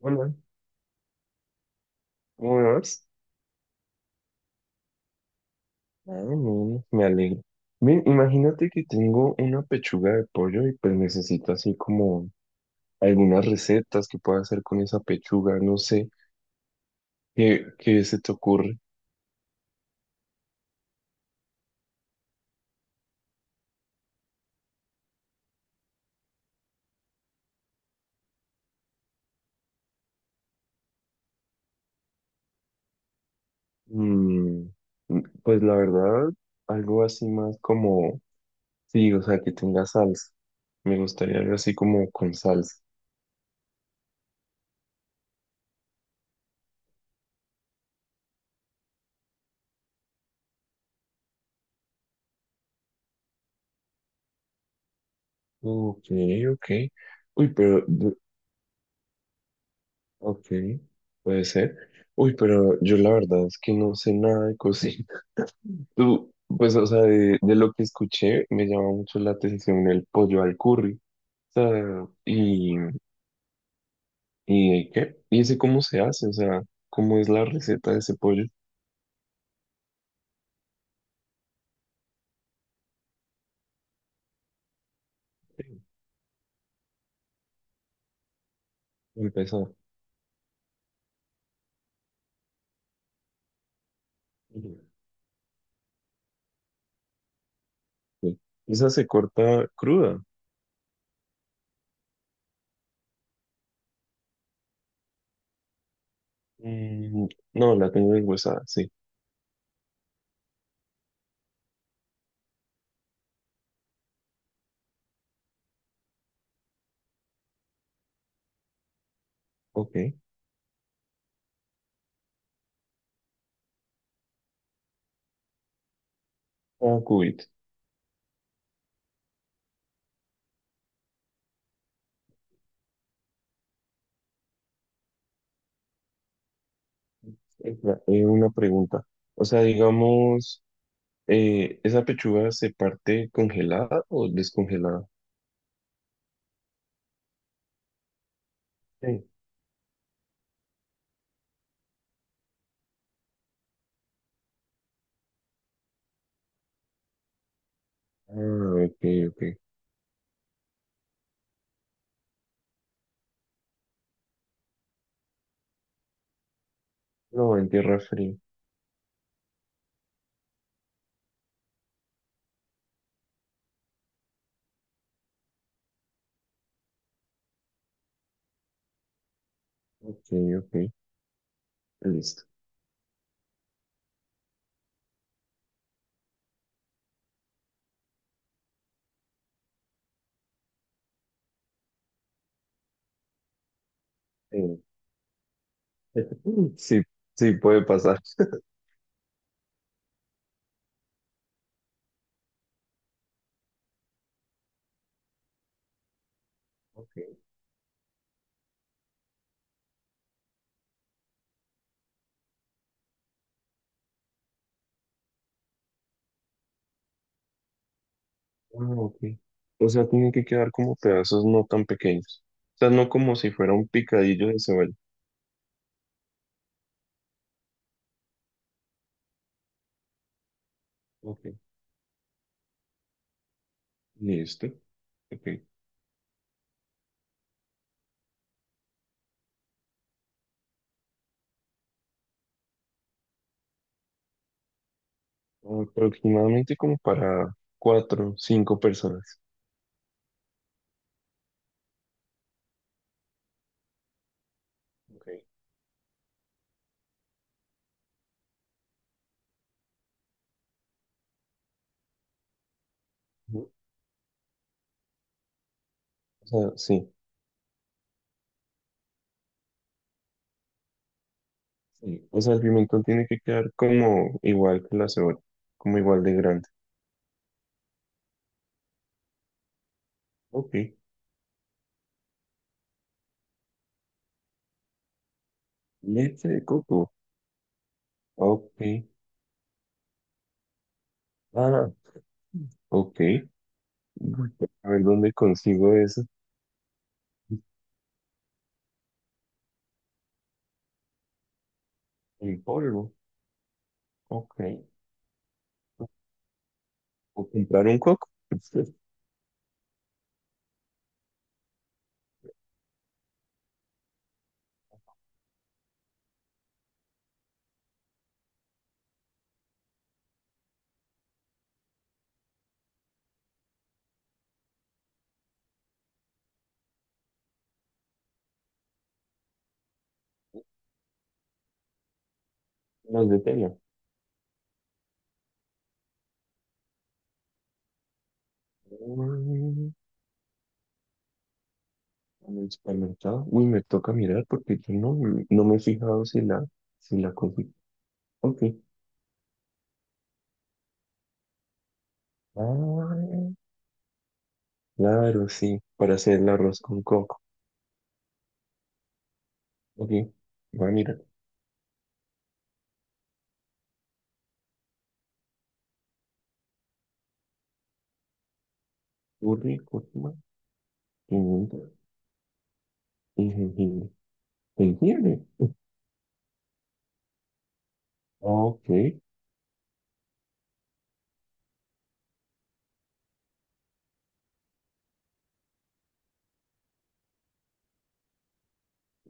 Hola, ¿cómo me vas? Ah, bueno, me alegro. Bien, imagínate que tengo una pechuga de pollo y pues necesito así como algunas recetas que pueda hacer con esa pechuga, no sé, ¿qué se te ocurre? Mm, pues la verdad, algo así más como, sí, o sea, que tenga salsa. Me gustaría algo así como con salsa. Ok, ok. Uy, pero, ok, puede ser. Uy, pero yo la verdad es que no sé nada de cocina. Tú, pues, o sea, de lo que escuché, me llama mucho la atención el pollo al curry. O sea, y ¿qué? ¿Y ese cómo se hace? O sea, ¿cómo es la receta de ese pollo? Empezó. Sí. Esa se corta cruda. Mm, no, la tengo deshuesada, sí. Ok. Ah, cubito. Espera, una pregunta. O sea, digamos, ¿esa pechuga se parte congelada o descongelada? Sí. Ah, ok, ok. No, en tierra fría. Ok, ok, listo. Eh, Sí, sí, puede pasar. Ok, ah, ok. O sea, tiene que quedar como pedazos no tan pequeños. O sea, no como si fuera un picadillo de cebolla. Ok, listo. Ok. Aproximadamente como para cuatro, cinco personas. Ok. Ujú. O sea, sí, sí. O sea, el pimentón tiene que quedar como igual que la cebolla, como igual de grande. Ok. Leche de coco. Ok. Ah, ok. A ver dónde consigo eso. El polvo. Ok. O comprar un coco. Los de tela. Mm, En el supermercado. Uy, me toca mirar porque yo no me he fijado si si la conseguí. Ok. Ah, claro, sí. Para hacer el arroz con coco. Ok. Voy a mirar. Curry, cúrcuma, pimienta y jengibre. ¿Jengibre? Ok.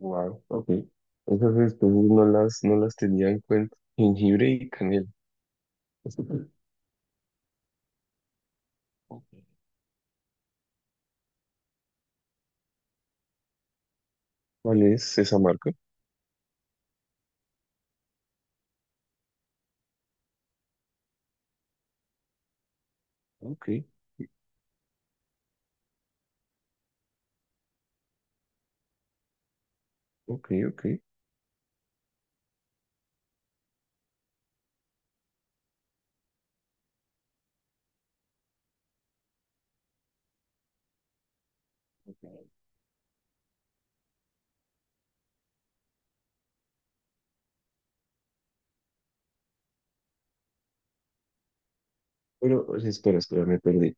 Wow. Ok. Esas especies no las tenía en cuenta. Jengibre y canela. ¿Cuál es esa marca? Ok, ok, ok. Pero, o sea, espera, me perdí.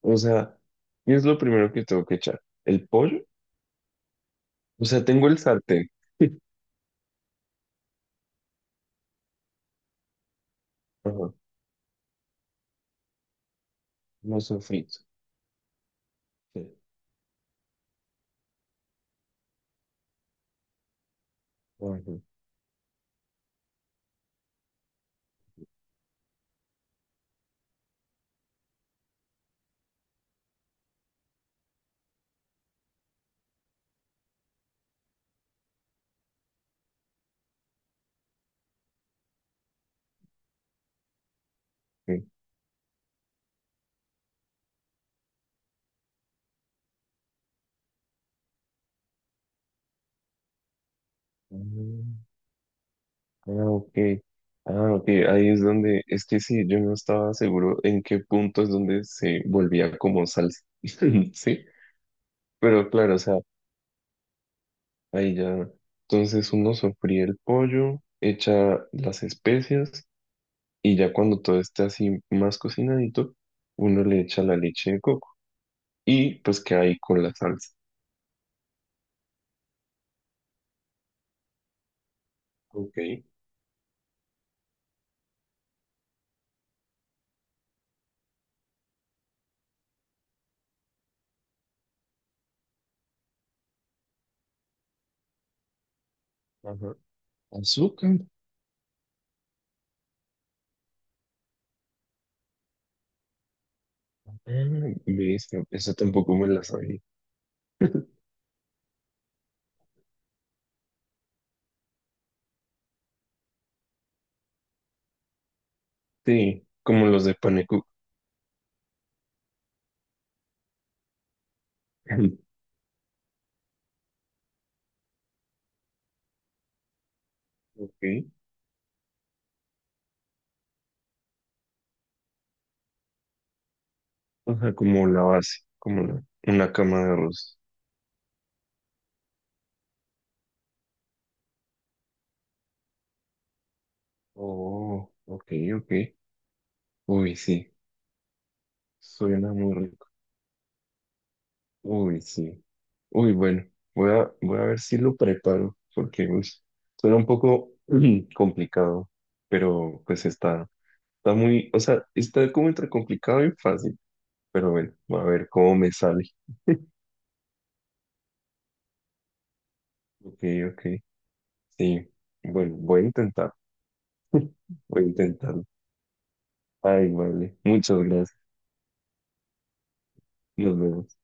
O sea, ¿qué es lo primero que tengo que echar? ¿El pollo? O sea, tengo el sartén. Ajá, no sofrito. Sí. Ajá, sí. Mm, Ah, ok. Ah, ok. Ahí es donde, es que sí, yo no estaba seguro en qué punto es donde se volvía como salsa. Sí, pero claro, o sea, ahí ya. Entonces uno sofría el pollo, echa las especias. Y ya cuando todo esté así más cocinadito, uno le echa la leche de coco y pues queda ahí con la salsa. Ok. Ajá. Azúcar. Ah, listo. Eso tampoco me la sabía. Sí, como los de panecook. Ok. O sea, como la base, una cama de arroz. Oh, ok, ok. Uy, sí, suena muy rico. Uy, sí. Uy, bueno, voy a ver si lo preparo, porque uy, suena un poco ujú, complicado, pero pues está, está muy, o sea, está como entre complicado y fácil, pero bueno, a ver cómo me sale. Ok, ok, sí. Bueno, voy a intentarlo. Ay, vale, muchas gracias. Nos vemos.